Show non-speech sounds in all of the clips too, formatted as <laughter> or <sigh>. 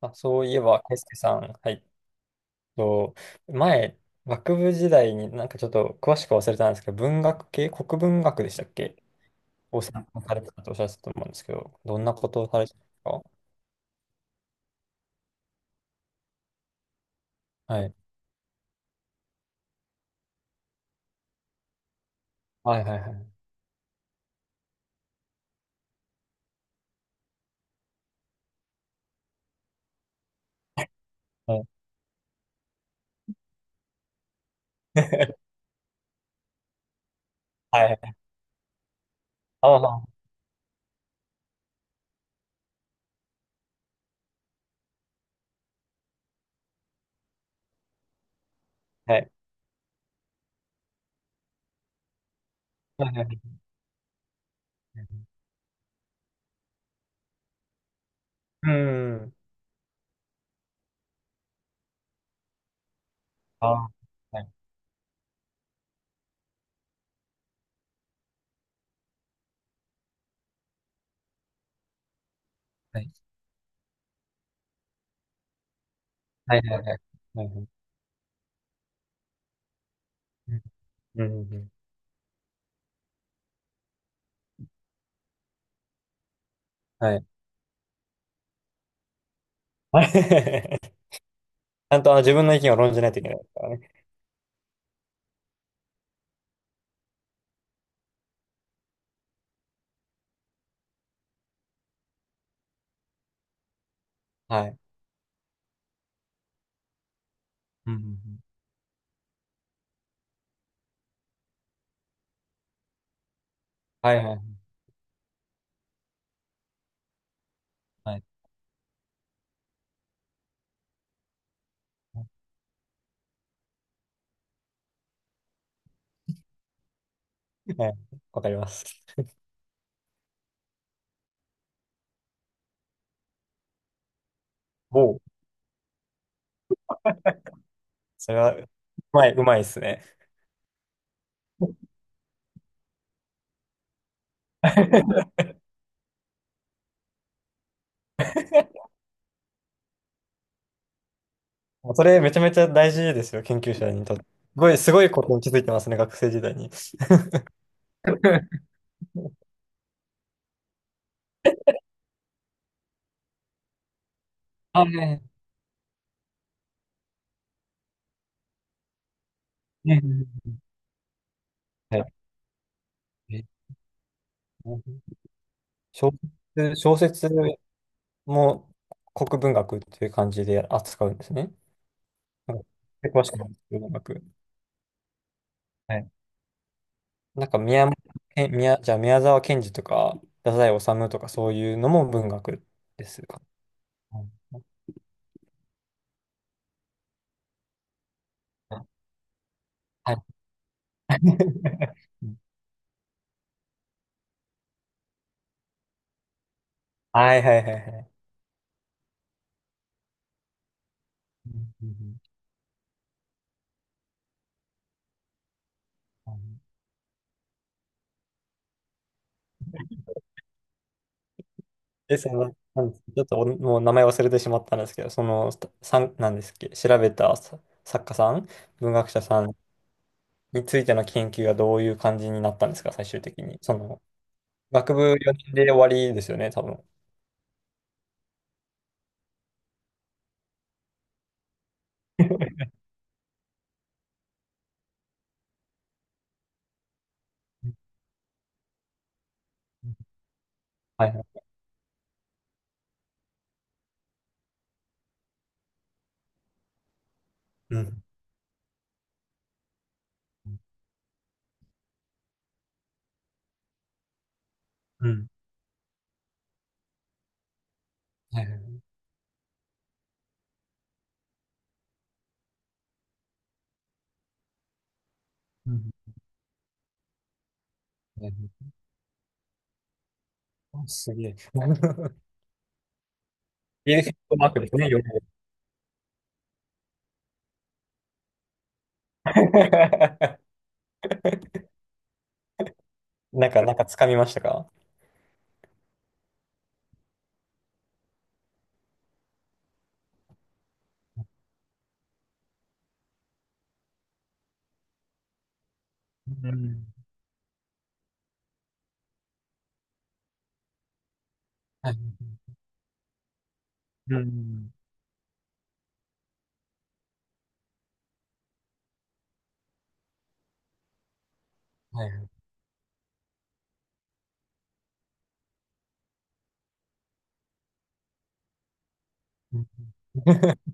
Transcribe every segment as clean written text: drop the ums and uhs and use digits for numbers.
まあ、そういえば、ケイスケさん、はい、と、前、学部時代にちょっと詳しく忘れたんですけど、文学系、国文学でしたっけ、を専攻されてたとおっしゃってたと思うんですけど、どんなことをされてたんですか？はい。はいはいはい。はい。<laughs> はい。あ、まあまあ、はい。はいはいはい。うん。あ、はい。はい。はいはいはい。はいはい。うん。うんうん。はい。あれ <laughs> ちゃんとあの自分の意見を論じないといけないですからね。はい。うんうんうん。はいはいはい。はい、わかります。おう。それは、うまい、うまいですね。<laughs> もうそれめちゃめちゃ大事ですよ、研究者にとって。すごい、すごいことに気づいてますね、学生時代に。<laughs> あ、ね、ね、はい。え、小説、小説も国文学っていう感じで扱うんですね。なんか詳しくないですけど文学。はい。なんか宮本、え宮、じゃあ宮沢賢治とか、太宰治とかそういうのも文学ですか？はい。はいはいはいはい。うんうんうん。で、その、なんですちょっとおもう名前忘れてしまったんですけど、その、さん、なんですっけ、調べた、さ、作家さん、文学者さんについての研究がどういう感じになったんですか、最終的に。その、学部4年で終わりですよね、多分。<laughs> はいはい。うん。うん。はいはい。うん。はいはい。あ、すげえ。<laughs> ビルフィットマークですね、よく。 <laughs> なんか、なんか掴みましたか？うん。はい。うん。はいはい。うん。 <laughs>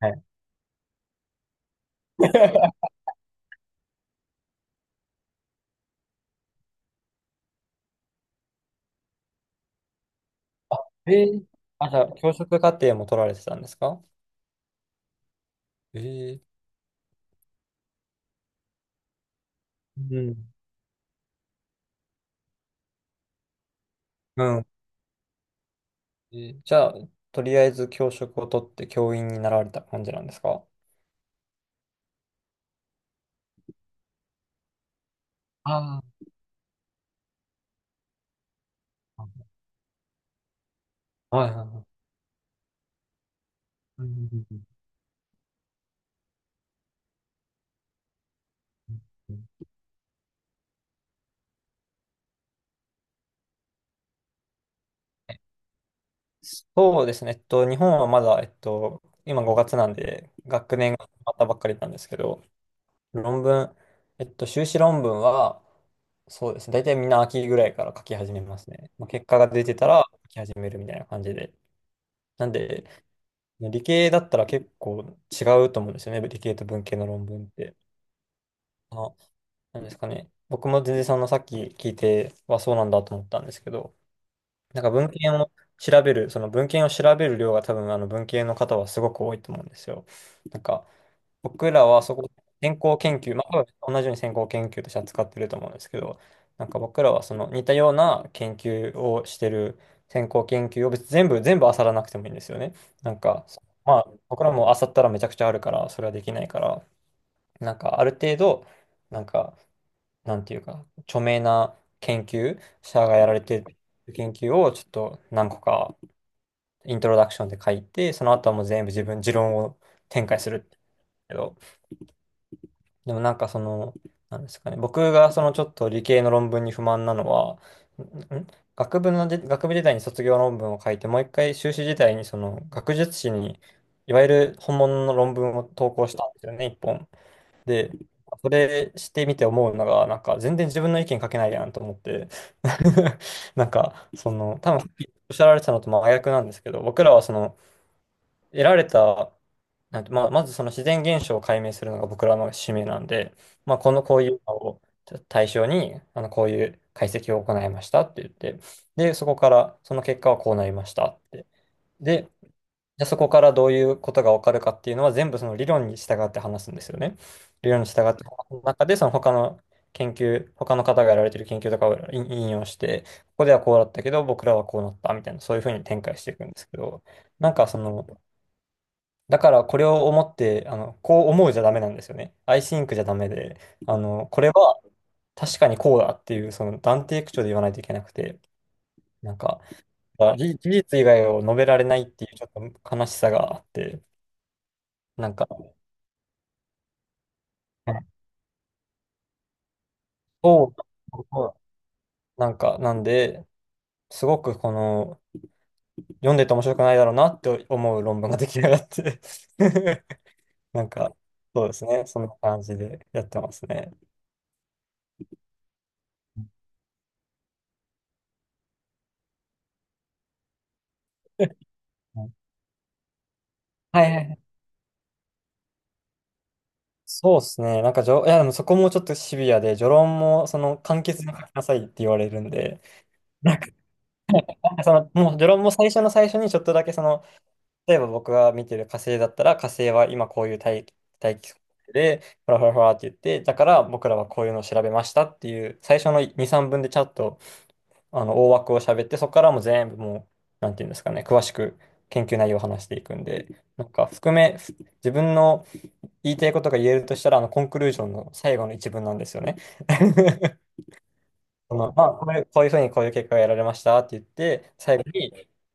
はい。<laughs> あ、えー、あ、じゃあ、教職課程も取られてたんですか？えー、うん。うん。えー、じゃあ、とりあえず教職を取って教員になられた感じなんですか？あ、あー、はいはいはい。うんうんうん。うん。そうですね。日本はまだ、今5月なんで、学年が始まったばっかりなんですけど、論文、修士論文は、そうですね。大体みんな秋ぐらいから書き始めますね。まあ、結果が出てたら書き始めるみたいな感じで。なんで、理系だったら結構違うと思うんですよね、理系と文系の論文って。あの、なんですかね。僕も全然、そのさっき聞いてはそうなんだと思ったんですけど、文献を調べる、その文献を調べる量が多分あの文系の方はすごく多いと思うんですよ。なんか、僕らはそこ、先行研究、まあ、多分同じように先行研究として扱ってると思うんですけど、なんか僕らはその似たような研究をしてる先行研究を別に全部、全部漁らなくてもいいんですよね。なんか、まあ、僕らも漁ったらめちゃくちゃあるから、それはできないから、なんかある程度、なんか、なんていうか、著名な研究者がやられてる研究をちょっと何個かイントロダクションで書いて、その後はもう全部自分、持論を展開する。でもなんかその、なんですかね、僕がそのちょっと理系の論文に不満なのは、んん学部ので、学部時代に卒業論文を書いて、もう一回修士時代にその学術誌に、いわゆる本物の論文を投稿したんですよね、一本。で、それしてみて思うのが、なんか全然自分の意見書けないやんと思って、<laughs> なんか、その、多分さっきおっしゃられてたのと真逆なんですけど、僕らはその、得られた、なんて、まあ、まずその自然現象を解明するのが僕らの使命なんで、まあ、この、こういうのを対象に、あの、こういう解析を行いましたって言って、で、そこから、その結果はこうなりましたって。で、じゃあそこからどういうことがわかるかっていうのは全部その理論に従って話すんですよね。理論に従って、その中でその他の研究、他の方がやられてる研究とかを引用して、ここではこうだったけど、僕らはこうなったみたいな、そういうふうに展開していくんですけど、なんかその、だからこれを思って、あの、こう思うじゃダメなんですよね。I think じゃダメで、あの、これは確かにこうだっていう、その断定口調で言わないといけなくて、なんか、あ、事実以外を述べられないっていうちょっと悲しさがあって、なんか、うん。そう、そう。なんか、なんで、すごくこの、読んでて面白くないだろうなって思う論文が出来上がって。 <laughs> なんか、そうですね、そんな感じでやってますね。<laughs> はいはいはい。そうですね。なんかじょ、いや、でもそこもちょっとシビアで、序論も、その、簡潔に書きなさいって言われるんで、なんか、なんかその、もう序論も最初の最初にちょっとだけ、その、例えば僕が見てる火星だったら、火星は今こういう大気、大気層で、ふらふらふらって言って、だから僕らはこういうのを調べましたっていう、最初の2、3分でちゃんと、あの、大枠を喋って、そこからもう全部もう、なんていうんですかね、詳しく研究内容を話していくんで、なんか、含め、自分の、言いたいことが言えるとしたら、あの、コンクルージョンの最後の一文なんですよね。<laughs> その、まあ、これ、こういうふうにこういう結果が得られましたって言って、最後に、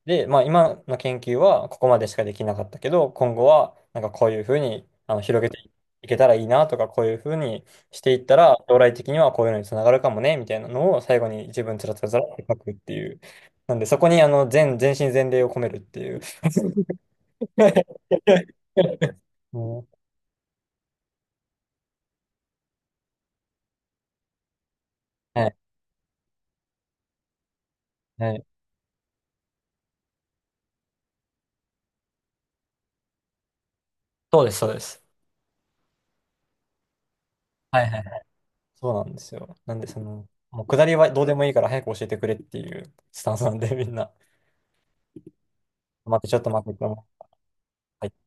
で、まあ、今の研究はここまでしかできなかったけど、今後は、なんかこういうふうに、あの、広げていけたらいいなとか、こういうふうにしていったら、将来的にはこういうのにつながるかもね、みたいなのを最後に一文つらつらつらって書くっていう。なんで、そこに、あの、全身全霊を込めるっていう。<laughs> うん。はい、はい。そうです、そうです。はいはい。そうなんですよ。なんで、その、もう下りはどうでもいいから早く教えてくれっていうスタンスなんで、みんな。待って、ちょっと待って、はい